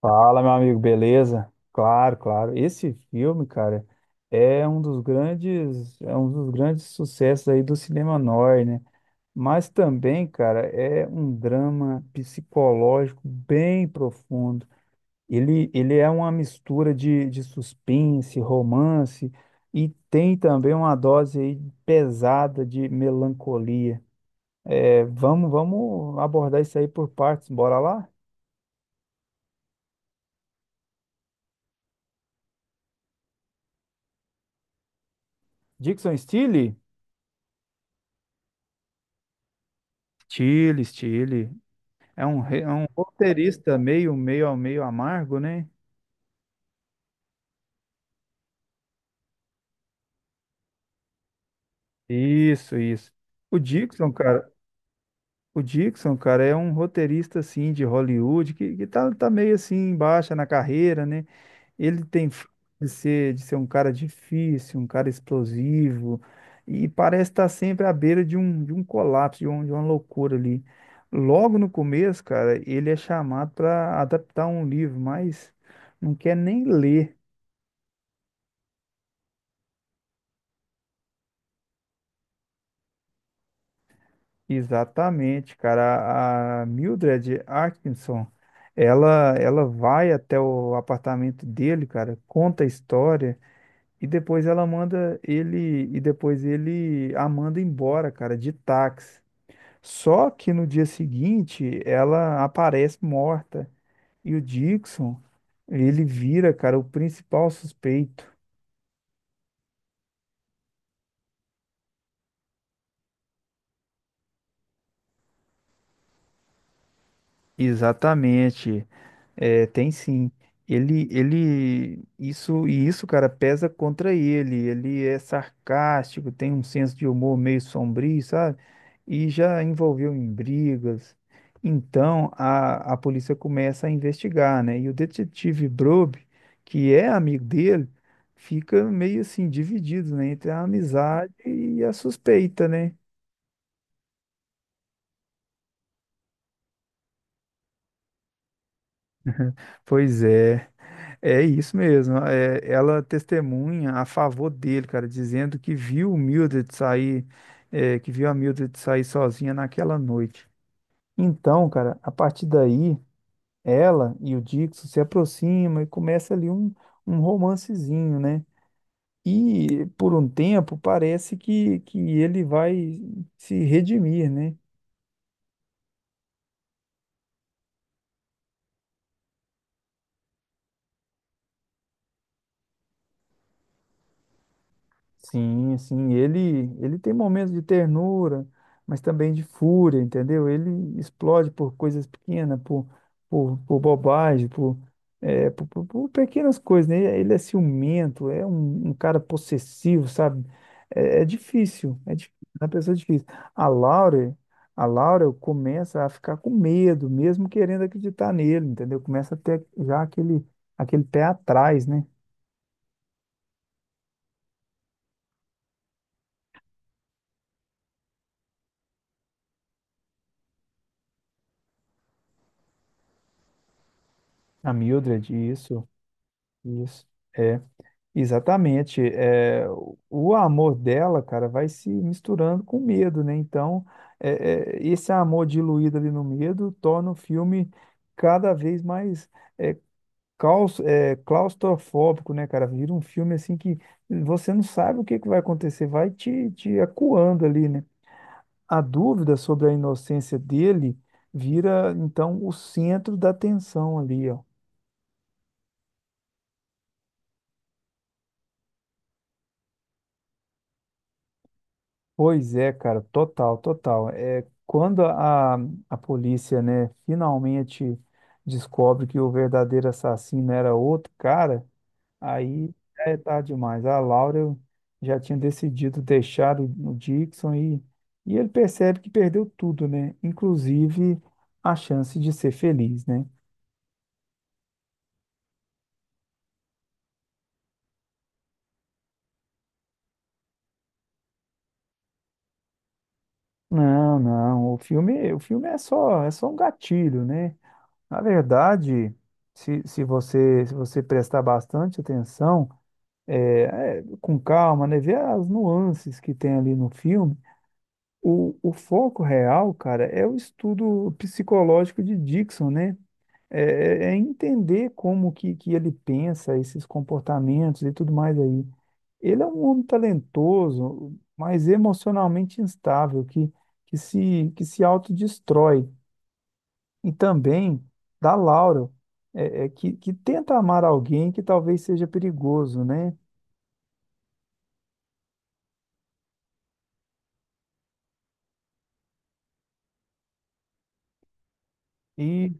Fala, meu amigo, beleza? Claro, claro. Esse filme, cara, é um dos grandes sucessos aí do cinema noir, né? Mas também, cara, é um drama psicológico bem profundo. Ele é uma mistura de suspense, romance e tem também uma dose aí pesada de melancolia. É, vamos abordar isso aí por partes. Bora lá? Dixon Steele? Steele, Steele. É um roteirista meio amargo, né? Isso, isso. O Dixon, cara, o Dixon, cara, é um roteirista, assim, de Hollywood, que tá meio, assim, em baixa na carreira, né? Ele tem fama de ser um cara difícil, um cara explosivo, e parece estar sempre à beira de um colapso, de uma loucura ali. Logo no começo, cara, ele é chamado para adaptar um livro, mas não quer nem ler. Exatamente, cara. A Mildred Atkinson, ela vai até o apartamento dele, cara, conta a história e depois ela manda ele e depois ele a manda embora, cara, de táxi. Só que no dia seguinte ela aparece morta e o Dixon, ele vira, cara, o principal suspeito. Exatamente. É, tem sim. Ele, isso e isso, cara, pesa contra ele. Ele é sarcástico, tem um senso de humor meio sombrio, sabe? E já envolveu em brigas. Então a polícia começa a investigar, né? E o detetive Brobe, que é amigo dele, fica meio assim dividido, né? Entre a amizade e a suspeita, né? Pois é. É isso mesmo. Ela testemunha a favor dele, cara, dizendo que viu o Mildred sair, que viu a Mildred sair sozinha naquela noite. Então, cara, a partir daí, ela e o Dixon se aproximam e começa ali um romancezinho, né? E por um tempo parece que ele vai se redimir, né? Sim, sim, ele tem momentos de ternura, mas também de fúria, entendeu? Ele explode por coisas pequenas, por bobagem, por, é, por pequenas coisas, né? Ele é ciumento, é um cara possessivo, sabe? É, é difícil, é difícil, é uma pessoa é difícil. A Laura, a Laura começa a ficar com medo, mesmo querendo acreditar nele, entendeu? Começa a ter já aquele pé atrás, né? A Mildred, isso, isso. Exatamente. É, o amor dela, cara, vai se misturando com o medo, né? Então, esse amor diluído ali no medo torna o filme cada vez mais é, claustrofóbico, né, cara? Vira um filme assim que você não sabe o que que vai acontecer, vai te acuando ali, né? A dúvida sobre a inocência dele vira, então, o centro da tensão ali, ó. Pois é, cara, total, total. É, quando a polícia, né, finalmente descobre que o verdadeiro assassino era outro cara, aí já é tarde demais. A Laura já tinha decidido deixar o Dixon e ele percebe que perdeu tudo, né? Inclusive a chance de ser feliz, né? Não, não, o filme é só um gatilho, né? Na verdade, se você prestar bastante atenção, com calma, né? Ver as nuances que tem ali no filme. O foco real, cara, é o estudo psicológico de Dixon, né? É, é entender como que ele pensa, esses comportamentos e tudo mais aí. Ele é um homem talentoso, mas emocionalmente instável, que se autodestrói. E também da Laura, que tenta amar alguém que talvez seja perigoso, né? E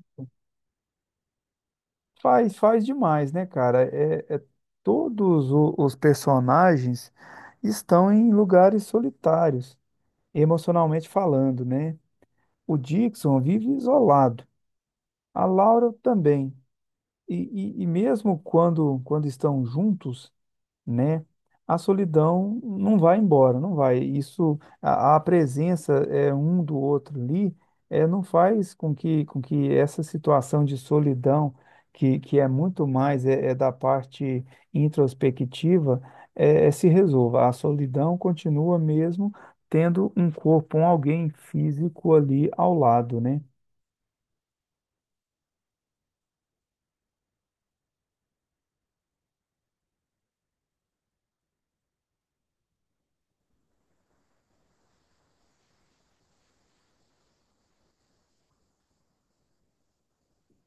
faz demais, né, cara? Todos os personagens estão em lugares solitários, emocionalmente falando, né? O Dixon vive isolado, a Laura também. E, e mesmo quando estão juntos, né? A solidão não vai embora, não vai. Isso, a presença é um do outro ali, não faz com que essa situação de solidão, que é muito mais da parte introspectiva, se resolva. A solidão continua mesmo tendo um corpo, um alguém físico ali ao lado, né?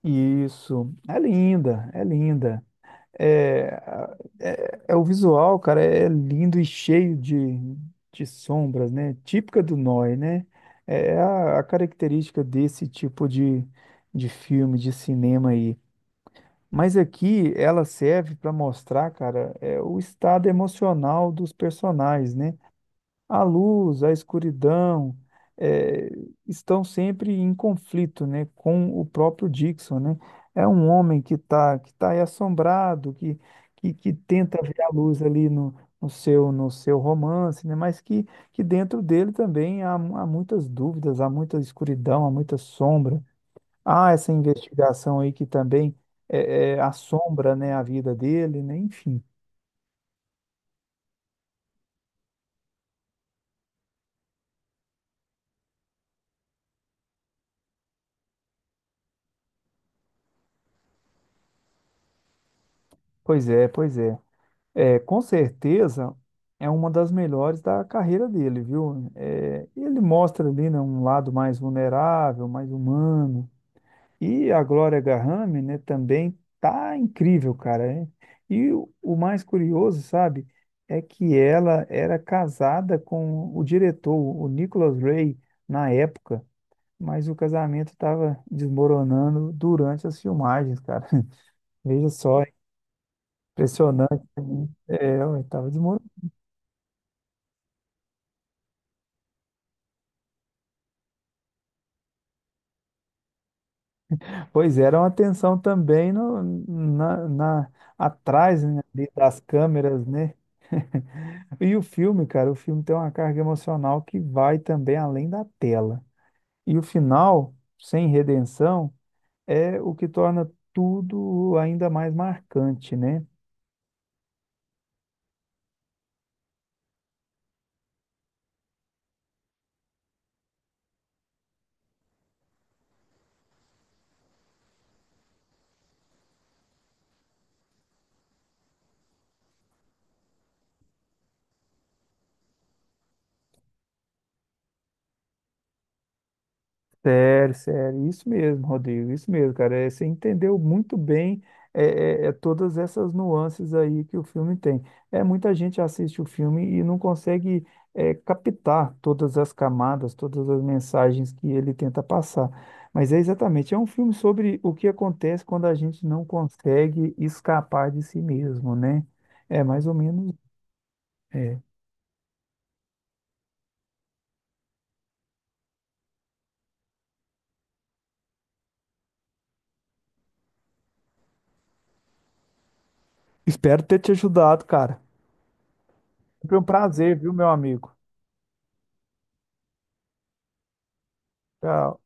Isso, é linda, é linda. É, é o visual, cara, é lindo e cheio de sombras, né? Típica do noir, né? É a característica desse tipo de filme, de cinema aí. Mas aqui ela serve para mostrar, cara, o estado emocional dos personagens, né? A luz, a escuridão, eh, estão sempre em conflito, né, com o próprio Dixon, né? É um homem que tá aí assombrado, que tenta ver a luz ali no seu romance, né? Mas que dentro dele também há muitas dúvidas, há muita escuridão, há muita sombra. Há essa investigação aí que também assombra, né, a vida dele, né? Enfim, pois é, pois é. É, com certeza é uma das melhores da carreira dele, viu? É, ele mostra ali, né, um lado mais vulnerável, mais humano. E a Glória Grahame, né, também tá incrível, cara. Hein? E o mais curioso, sabe, é que ela era casada com o diretor, o Nicholas Ray, na época, mas o casamento estava desmoronando durante as filmagens, cara. Veja só, impressionante. É, estava desmoronando. Pois é, era uma atenção também no, na, na- atrás, né, ali das câmeras, né? E o filme, cara, o filme tem uma carga emocional que vai também além da tela. E o final, sem redenção, é o que torna tudo ainda mais marcante, né? Sério, sério, isso mesmo, Rodrigo, isso mesmo, cara. É, você entendeu muito bem todas essas nuances aí que o filme tem. É, muita gente assiste o filme e não consegue captar todas as camadas, todas as mensagens que ele tenta passar. Mas é exatamente, é um filme sobre o que acontece quando a gente não consegue escapar de si mesmo, né? É mais ou menos. É. Espero ter te ajudado, cara. Foi um prazer, viu, meu amigo? Tchau.